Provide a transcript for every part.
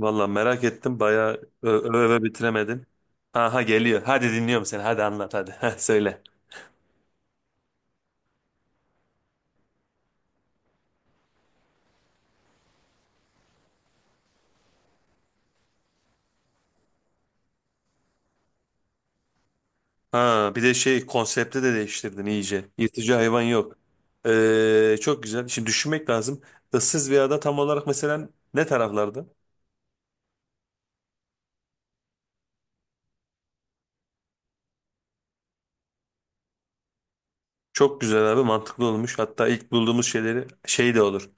Valla merak ettim. Bayağı öve öve bitiremedin. Aha geliyor. Hadi dinliyorum seni. Hadi anlat hadi. Heh, söyle. Ha bir de şey konsepti de değiştirdin iyice. Yırtıcı hayvan yok. Çok güzel. Şimdi düşünmek lazım. Issız bir ada tam olarak mesela ne taraflarda? Çok güzel abi mantıklı olmuş. Hatta ilk bulduğumuz şeyleri şey de olur,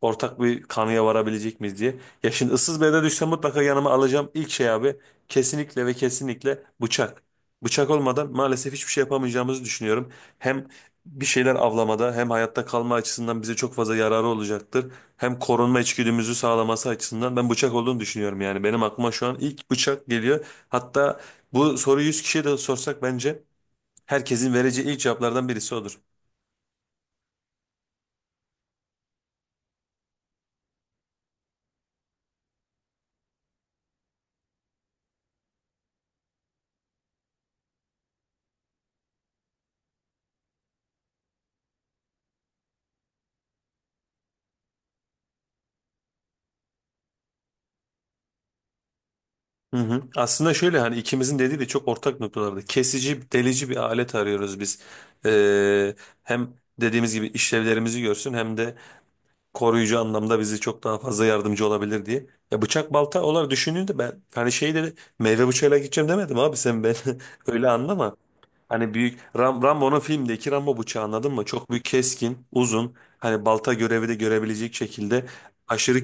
ortak bir kanıya varabilecek miyiz diye. Ya şimdi ıssız bir yere düşsem mutlaka yanıma alacağım ilk şey abi kesinlikle ve kesinlikle bıçak. Bıçak olmadan maalesef hiçbir şey yapamayacağımızı düşünüyorum. Hem bir şeyler avlamada hem hayatta kalma açısından bize çok fazla yararı olacaktır. Hem korunma içgüdümüzü sağlaması açısından ben bıçak olduğunu düşünüyorum yani. Benim aklıma şu an ilk bıçak geliyor. Hatta bu soruyu 100 kişiye de sorsak bence herkesin vereceği ilk cevaplardan birisi odur. Hı hı. Aslında şöyle hani ikimizin dediği de çok ortak noktalarda. Kesici, delici bir alet arıyoruz biz. Ee, Hem dediğimiz gibi işlevlerimizi görsün hem de koruyucu anlamda bizi çok daha fazla yardımcı olabilir diye. Ya bıçak balta olarak düşündüğünde ben hani şey dedi meyve bıçağıyla gideceğim demedim abi sen ben öyle anlama. Hani büyük Rambo'nun filmdeki Rambo bıçağı anladın mı? Çok büyük keskin, uzun. Hani balta görevi de görebilecek şekilde aşırı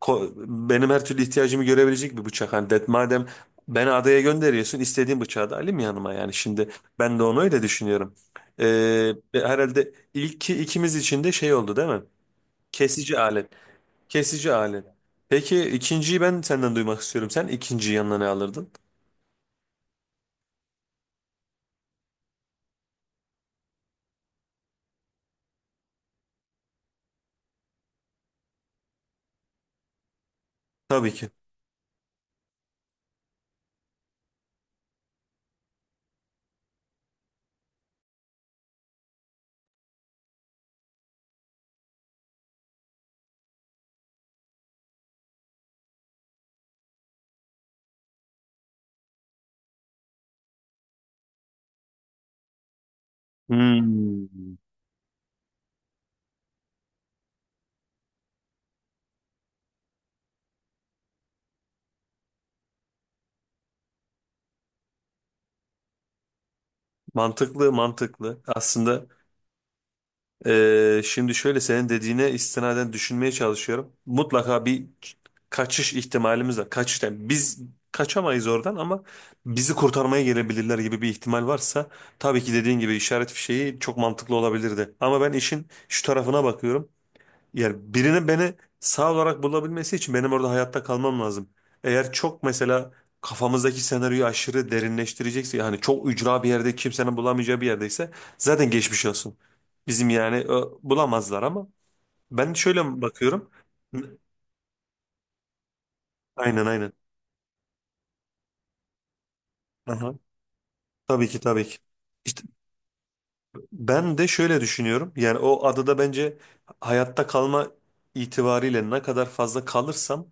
ko- benim her türlü ihtiyacımı görebilecek bir bıçak. Hani det madem beni adaya gönderiyorsun istediğim bıçağı da alayım yanıma yani şimdi ben de onu öyle düşünüyorum. Herhalde ilki ikimiz için de şey oldu değil mi? Kesici alet. Kesici alet. Peki ikinciyi ben senden duymak istiyorum. Sen ikinciyi yanına ne alırdın? Tabii ki. Hmm. Mantıklı, mantıklı. Aslında şimdi şöyle senin dediğine istinaden düşünmeye çalışıyorum. Mutlaka bir kaçış ihtimalimiz var. Kaçış yani biz kaçamayız oradan ama bizi kurtarmaya gelebilirler gibi bir ihtimal varsa tabii ki dediğin gibi işaret fişeği çok mantıklı olabilirdi. Ama ben işin şu tarafına bakıyorum. Yani birinin beni sağ olarak bulabilmesi için benim orada hayatta kalmam lazım. Eğer çok mesela kafamızdaki senaryoyu aşırı derinleştirecekse yani çok ücra bir yerde kimsenin bulamayacağı bir yerdeyse zaten geçmiş olsun. Bizim yani bulamazlar ama ben şöyle bakıyorum. Aynen aynen. Aha, tabii ki tabii ki. İşte ben de şöyle düşünüyorum. Yani o adada bence hayatta kalma itibariyle ne kadar fazla kalırsam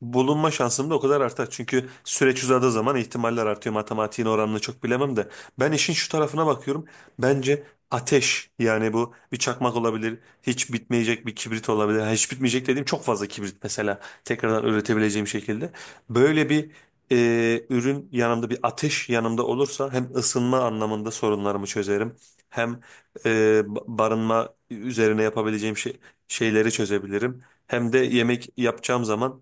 bulunma şansım da o kadar artar. Çünkü süreç uzadığı zaman ihtimaller artıyor. Matematiğin oranını çok bilemem de. Ben işin şu tarafına bakıyorum. Bence ateş, yani bu bir çakmak olabilir. Hiç bitmeyecek bir kibrit olabilir. Ha, hiç bitmeyecek dediğim çok fazla kibrit mesela. Tekrardan üretebileceğim şekilde. Böyle bir ürün yanımda bir ateş yanımda olursa hem ısınma anlamında sorunlarımı çözerim. Hem e, barınma üzerine yapabileceğim şeyleri çözebilirim. Hem de yemek yapacağım zaman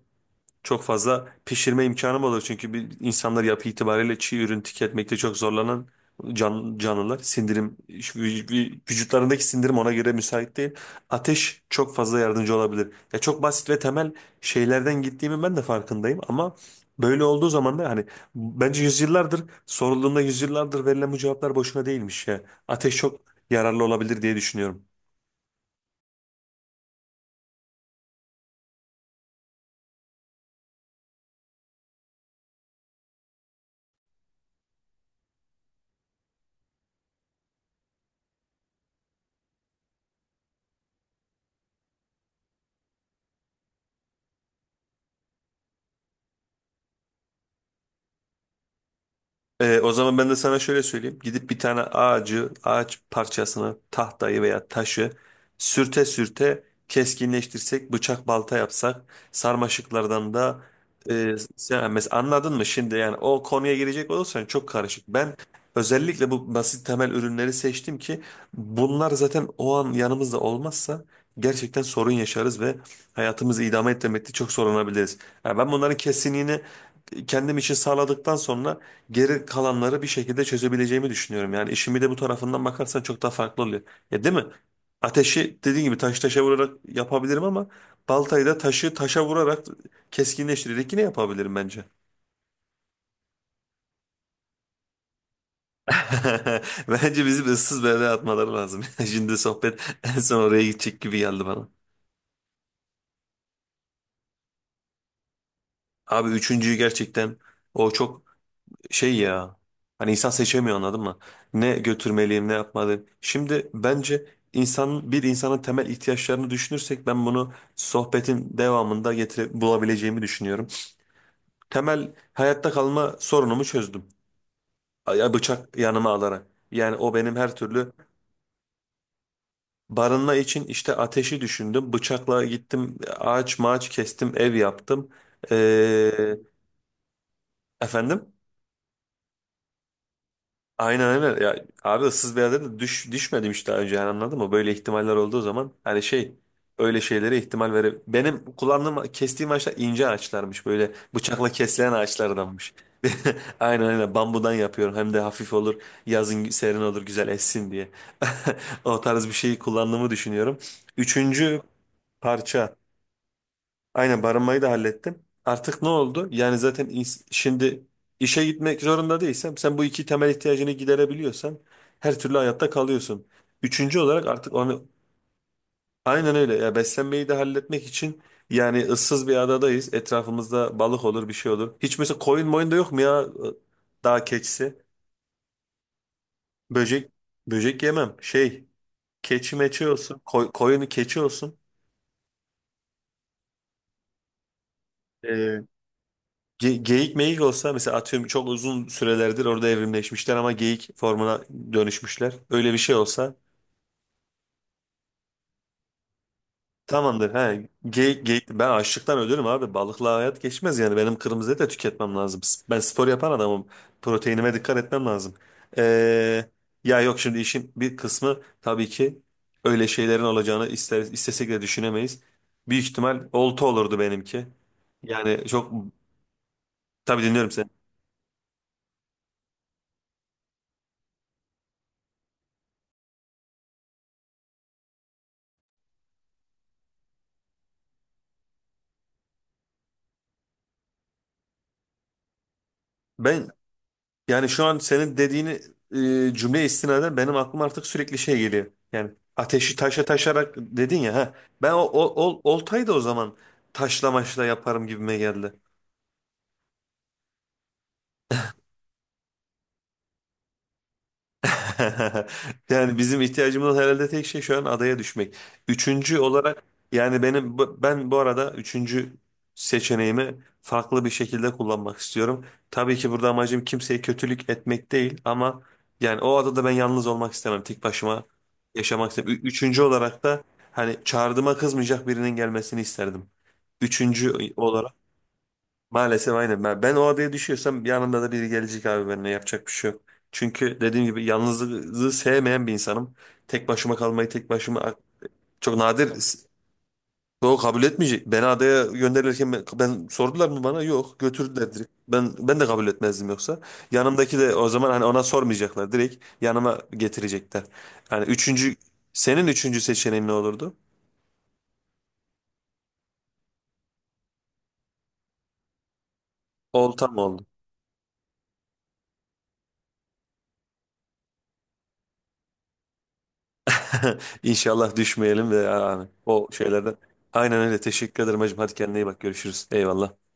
çok fazla pişirme imkanım olur. Çünkü bir, insanlar yapı itibariyle çiğ ürün tüketmekte çok zorlanan canlılar. Sindirim, şu vücutlarındaki sindirim ona göre müsait değil. Ateş çok fazla yardımcı olabilir. Ya çok basit ve temel şeylerden gittiğimi ben de farkındayım ama böyle olduğu zaman da hani bence yüzyıllardır sorulduğunda yüzyıllardır verilen bu cevaplar boşuna değilmiş ya. Ateş çok yararlı olabilir diye düşünüyorum. O zaman ben de sana şöyle söyleyeyim. Gidip bir tane ağaç parçasını, tahtayı veya taşı sürte sürte keskinleştirsek, bıçak balta yapsak, sarmaşıklardan da sen mesela anladın mı şimdi yani o konuya girecek olursan çok karışık. Ben özellikle bu basit temel ürünleri seçtim ki bunlar zaten o an yanımızda olmazsa gerçekten sorun yaşarız ve hayatımızı idame ettirmekte çok zorlanabiliriz. Yani ben bunların kesinliğini kendim için sağladıktan sonra geri kalanları bir şekilde çözebileceğimi düşünüyorum. Yani işimi de bu tarafından bakarsan çok daha farklı oluyor. Ya değil mi? Ateşi dediğin gibi taş taşa vurarak yapabilirim ama baltayı da taşı taşa vurarak keskinleştirerek yine yapabilirim bence. Bence bizim ıssız bir yere atmaları lazım. Şimdi sohbet en son oraya gidecek gibi geldi bana. Abi üçüncüyü gerçekten o çok şey ya, hani insan seçemiyor anladın mı? Ne götürmeliyim ne yapmalıyım. Şimdi bence insan bir insanın temel ihtiyaçlarını düşünürsek ben bunu sohbetin devamında getire bulabileceğimi düşünüyorum. Temel hayatta kalma sorunumu çözdüm. Ya bıçak yanıma alarak. Yani o benim her türlü barınma için işte ateşi düşündüm. Bıçakla gittim ağaç mağaç kestim ev yaptım. Ee, efendim? Aynen aynen. Ya, abi ıssız bir adada düşmedim işte daha önce yani anladın mı? Böyle ihtimaller olduğu zaman hani şey öyle şeylere ihtimal vere... Benim kullandığım kestiğim ağaçlar ince ağaçlarmış, böyle bıçakla kesilen ağaçlardanmış. Aynen aynen bambudan yapıyorum hem de hafif olur, yazın serin olur, güzel essin diye. O tarz bir şeyi kullandığımı düşünüyorum. Üçüncü parça. Aynen barınmayı da hallettim. Artık ne oldu? Yani zaten şimdi işe gitmek zorunda değilsem sen bu iki temel ihtiyacını giderebiliyorsan her türlü hayatta kalıyorsun. Üçüncü olarak artık onu aynen öyle ya, beslenmeyi de halletmek için yani ıssız bir adadayız. Etrafımızda balık olur bir şey olur. Hiç mesela koyun moyun da yok mu ya, dağ keçisi? Böcek böcek yemem. Şey, keçi meçi olsun. Koyunu keçi olsun. Geyik meyik olsa mesela, atıyorum çok uzun sürelerdir orada evrimleşmişler ama geyik formuna dönüşmüşler. Öyle bir şey olsa tamamdır. He, geyik, geyik. Ben açlıktan ölürüm abi. Balıkla hayat geçmez yani. Benim kırmızı et de tüketmem lazım. Ben spor yapan adamım. Proteinime dikkat etmem lazım. Ee, Ya yok şimdi işin bir kısmı tabii ki öyle şeylerin olacağını istesek de düşünemeyiz. Büyük ihtimal olta olurdu benimki. Yani çok tabii, dinliyorum seni. Ben Yani şu an senin dediğini cümle istinaden benim aklıma artık sürekli şey geliyor. Yani ateşi taşa taşarak dedin ya ha. Ben oltayı da o zaman taşla maşla yaparım gibime geldi. Yani bizim ihtiyacımız olan herhalde tek şey şu an adaya düşmek. Üçüncü olarak yani benim ben bu arada üçüncü seçeneğimi farklı bir şekilde kullanmak istiyorum. Tabii ki burada amacım kimseye kötülük etmek değil ama yani o adada ben yalnız olmak istemem. Tek başıma yaşamak istemem. Üçüncü olarak da hani çağrıma kızmayacak birinin gelmesini isterdim. Üçüncü olarak maalesef aynen. Ben o adaya düşüyorsam yanımda da biri gelecek abi, benimle yapacak bir şey yok. Çünkü dediğim gibi yalnızlığı sevmeyen bir insanım. Tek başıma kalmayı tek başıma çok nadir o kabul etmeyecek. Beni adaya gönderirken sordular mı bana? Yok, götürdüler direkt. Ben de kabul etmezdim yoksa. Yanımdaki de o zaman hani ona sormayacaklar. Direkt yanıma getirecekler. Yani üçüncü, senin üçüncü seçeneğin ne olurdu? Olta mı oldu? İnşallah düşmeyelim ve yani o şeylerden. Aynen öyle. Teşekkür ederim hacım. Hadi kendine iyi bak. Görüşürüz. Eyvallah.